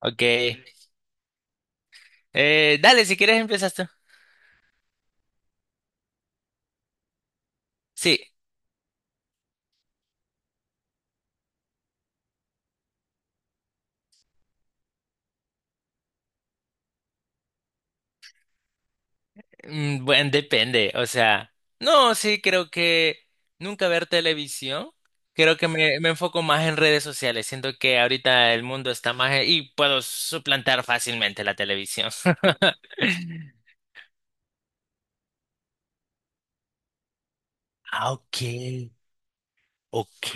Ok. Dale, si quieres empiezas tú. Sí, bueno, depende. O sea, no, sí, creo que nunca ver televisión. Creo que me enfoco más en redes sociales. Siento que ahorita el mundo está más y puedo suplantar fácilmente la televisión. Ah, ok, ok,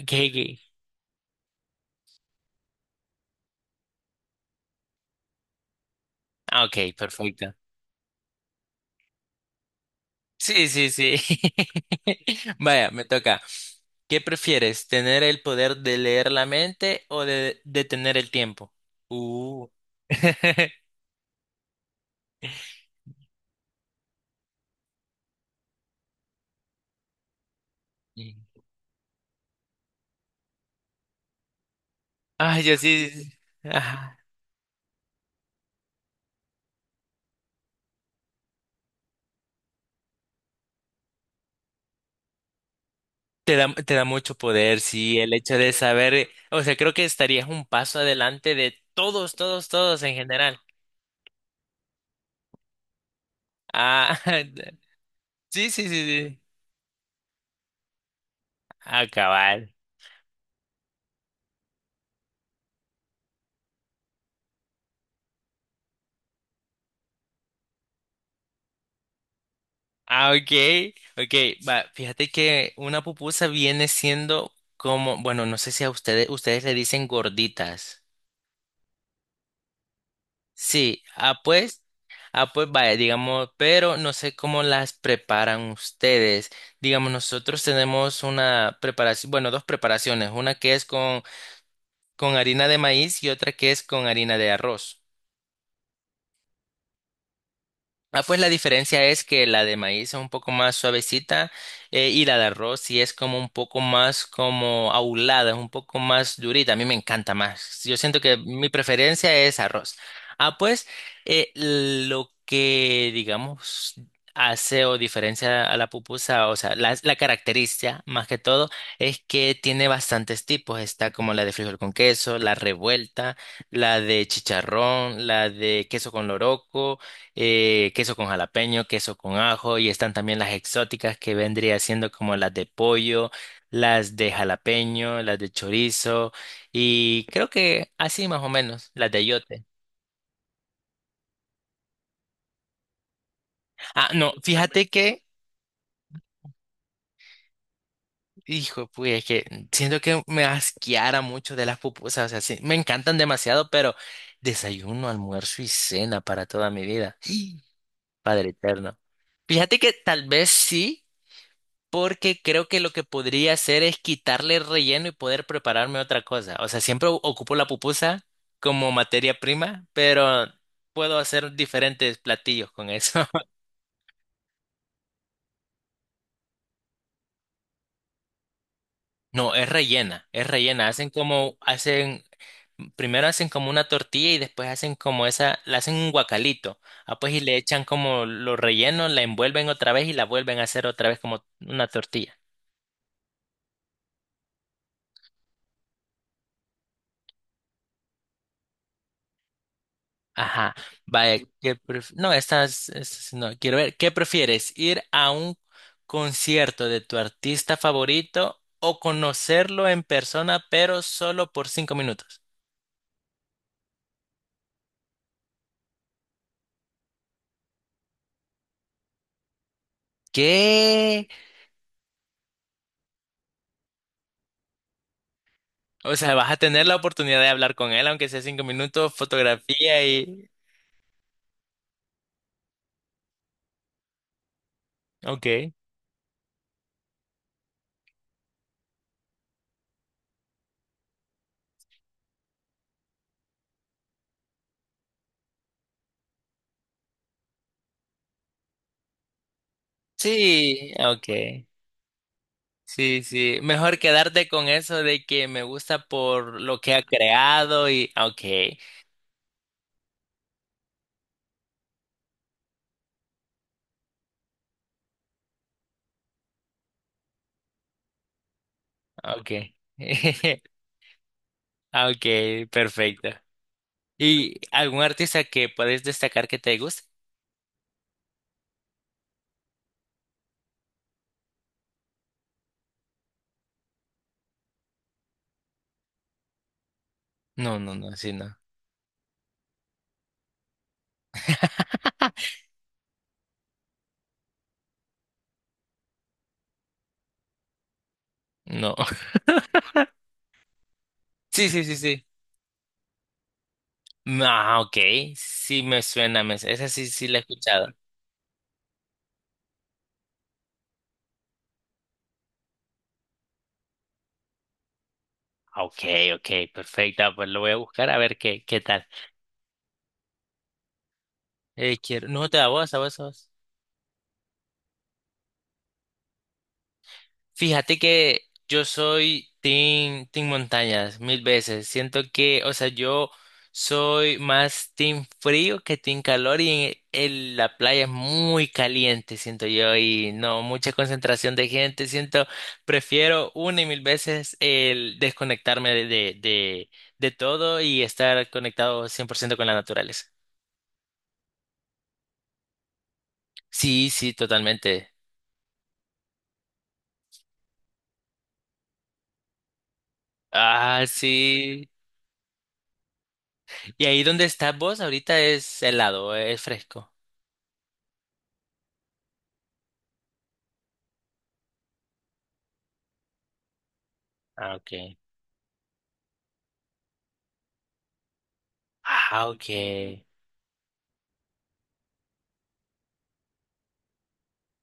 ok, ok. Ah, ok, perfecto. Sí, sí, sí. Vaya, me toca. ¿Qué prefieres, tener el poder de leer la mente o de detener el tiempo? Uh. Ay, yo sí. Sí, sí. Ajá. Te da mucho poder, sí, el hecho de saber, o sea, creo que estarías un paso adelante de todos, todos, todos en general. Ah, sí, sí, sí, sí. Acabar. Ah, ok, ok. Va, fíjate que una pupusa viene siendo como, bueno, no sé si a ustedes le dicen gorditas. Sí, ah, pues vaya, digamos, pero no sé cómo las preparan ustedes. Digamos, nosotros tenemos una preparación, bueno, dos preparaciones, una que es con harina de maíz y otra que es con harina de arroz. Ah, pues la diferencia es que la de maíz es un poco más suavecita y la de arroz sí es como un poco más como aulada, es un poco más durita. A mí me encanta más. Yo siento que mi preferencia es arroz. Ah, pues lo que digamos hace o diferencia a la pupusa, o sea, la característica más que todo es que tiene bastantes tipos. Está como la de frijol con queso, la revuelta, la de chicharrón, la de queso con loroco, queso con jalapeño, queso con ajo, y están también las exóticas que vendría siendo como las de pollo, las de jalapeño, las de chorizo, y creo que así más o menos, las de eyote. Ah, no, fíjate que, hijo, pues es que siento que me asqueara mucho de las pupusas, o sea, sí, me encantan demasiado, pero desayuno, almuerzo y cena para toda mi vida, Padre eterno. Fíjate que tal vez sí, porque creo que lo que podría hacer es quitarle el relleno y poder prepararme otra cosa. O sea, siempre ocupo la pupusa como materia prima, pero puedo hacer diferentes platillos con eso. No, es rellena, es rellena. Hacen como, hacen, primero hacen como una tortilla y después hacen como esa, la hacen un guacalito. Ah, pues y le echan como los rellenos, la envuelven otra vez y la vuelven a hacer otra vez como una tortilla. Ajá. Vaya, No, estas no, quiero ver. ¿Qué prefieres? ¿Ir a un concierto de tu artista favorito o conocerlo en persona, pero solo por 5 minutos? ¿Qué? O sea, vas a tener la oportunidad de hablar con él, aunque sea 5 minutos, fotografía y... Ok. Sí, ok. Sí, sí. Mejor quedarte con eso de que me gusta por lo que ha creado y... Ok, ok. Ok, perfecto. ¿Y algún artista que puedes destacar que te guste? No, no, no, sí, no. No. Sí, sí, sí, sí. Ah, ok. Sí me suena, me... esa sí, sí la he escuchado. Ah, ok, ok, perfecta. Pues lo voy a buscar a ver qué, qué tal. Quiero... No, te da voz, a vos, a vos. Fíjate que yo soy team montañas mil veces. Siento que, o sea, yo soy más team frío que team calor y en, en la playa es muy caliente, siento yo, y no, mucha concentración de gente. Siento, prefiero una y mil veces el desconectarme de todo y estar conectado 100% con la naturaleza. Sí, sí, totalmente. Ah, sí. ¿Y ahí donde estás vos ahorita es helado, es fresco? Ah, ok. Ah, ok. Sí,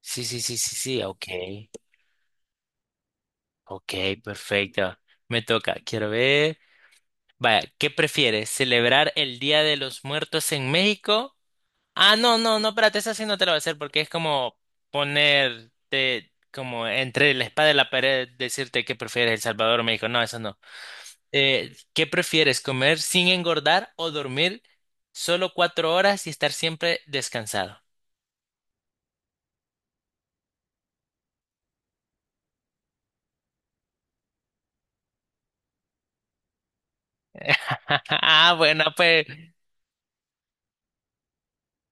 sí, sí, sí, sí, ok. Ok, perfecto. Me toca. Quiero ver. Vaya, ¿qué prefieres? ¿Celebrar el Día de los Muertos en México? Ah, no, no, no, espérate, esa sí no te la voy a hacer porque es como ponerte como entre la espada y la pared, decirte qué prefieres, El Salvador o México. No, eso no. ¿Qué prefieres? ¿Comer sin engordar o dormir solo 4 horas y estar siempre descansado? Ah, bueno, pues.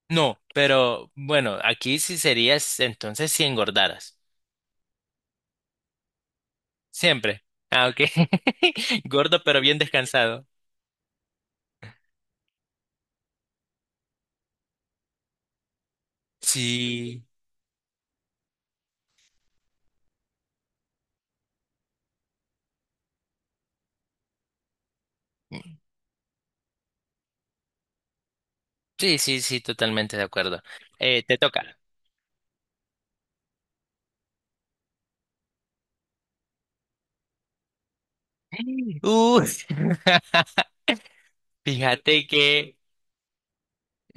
No, pero bueno, aquí sí serías entonces si engordaras. Siempre. Ah, ok. Gordo pero bien descansado. Sí. Sí, sí, sí, totalmente de acuerdo. Te toca. Uh, fíjate que,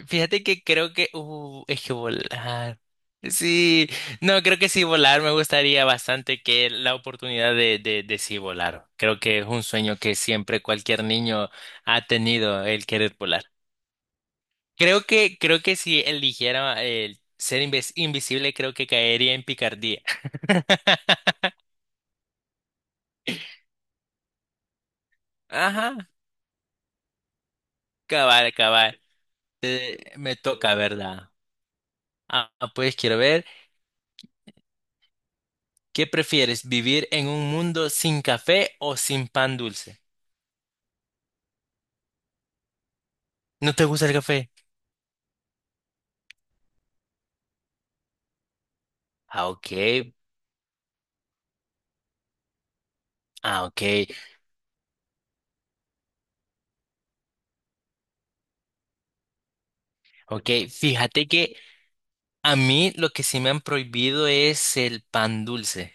fíjate que creo que, es que volar. Sí, no, creo que sí volar me gustaría bastante que la oportunidad de sí volar. Creo que es un sueño que siempre cualquier niño ha tenido el querer volar. Creo que si eligiera el ser invisible, creo que caería en picardía. Ajá, cabal, cabal. Me toca, ¿verdad? Ah, pues quiero ver, ¿qué prefieres, vivir en un mundo sin café o sin pan dulce? ¿No te gusta el café? Ah, ok, ah, ok, ok. Fíjate que a mí lo que sí me han prohibido es el pan dulce.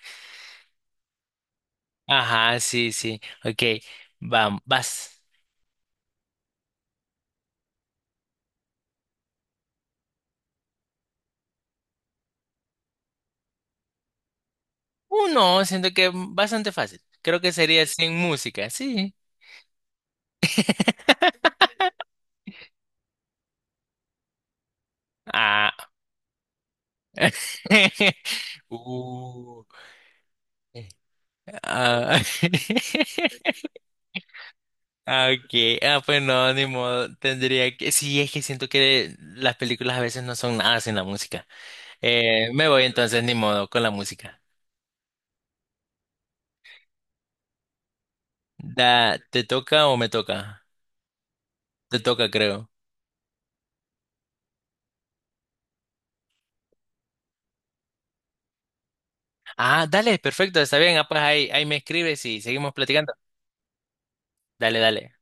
Ajá, sí, sí, ok. Vamos, vas. No, siento que bastante fácil. Creo que sería sin música, sí. Ah. Uh. Ah. Okay. Ah, pues no, ni modo. Tendría que. Sí, es que siento que las películas a veces no son nada sin la música. Me voy entonces, ni modo, con la música. Da, ¿te toca o me toca? Te toca, creo. Ah, dale, perfecto, está bien. Ah, pues ahí me escribes y seguimos platicando. Dale, dale.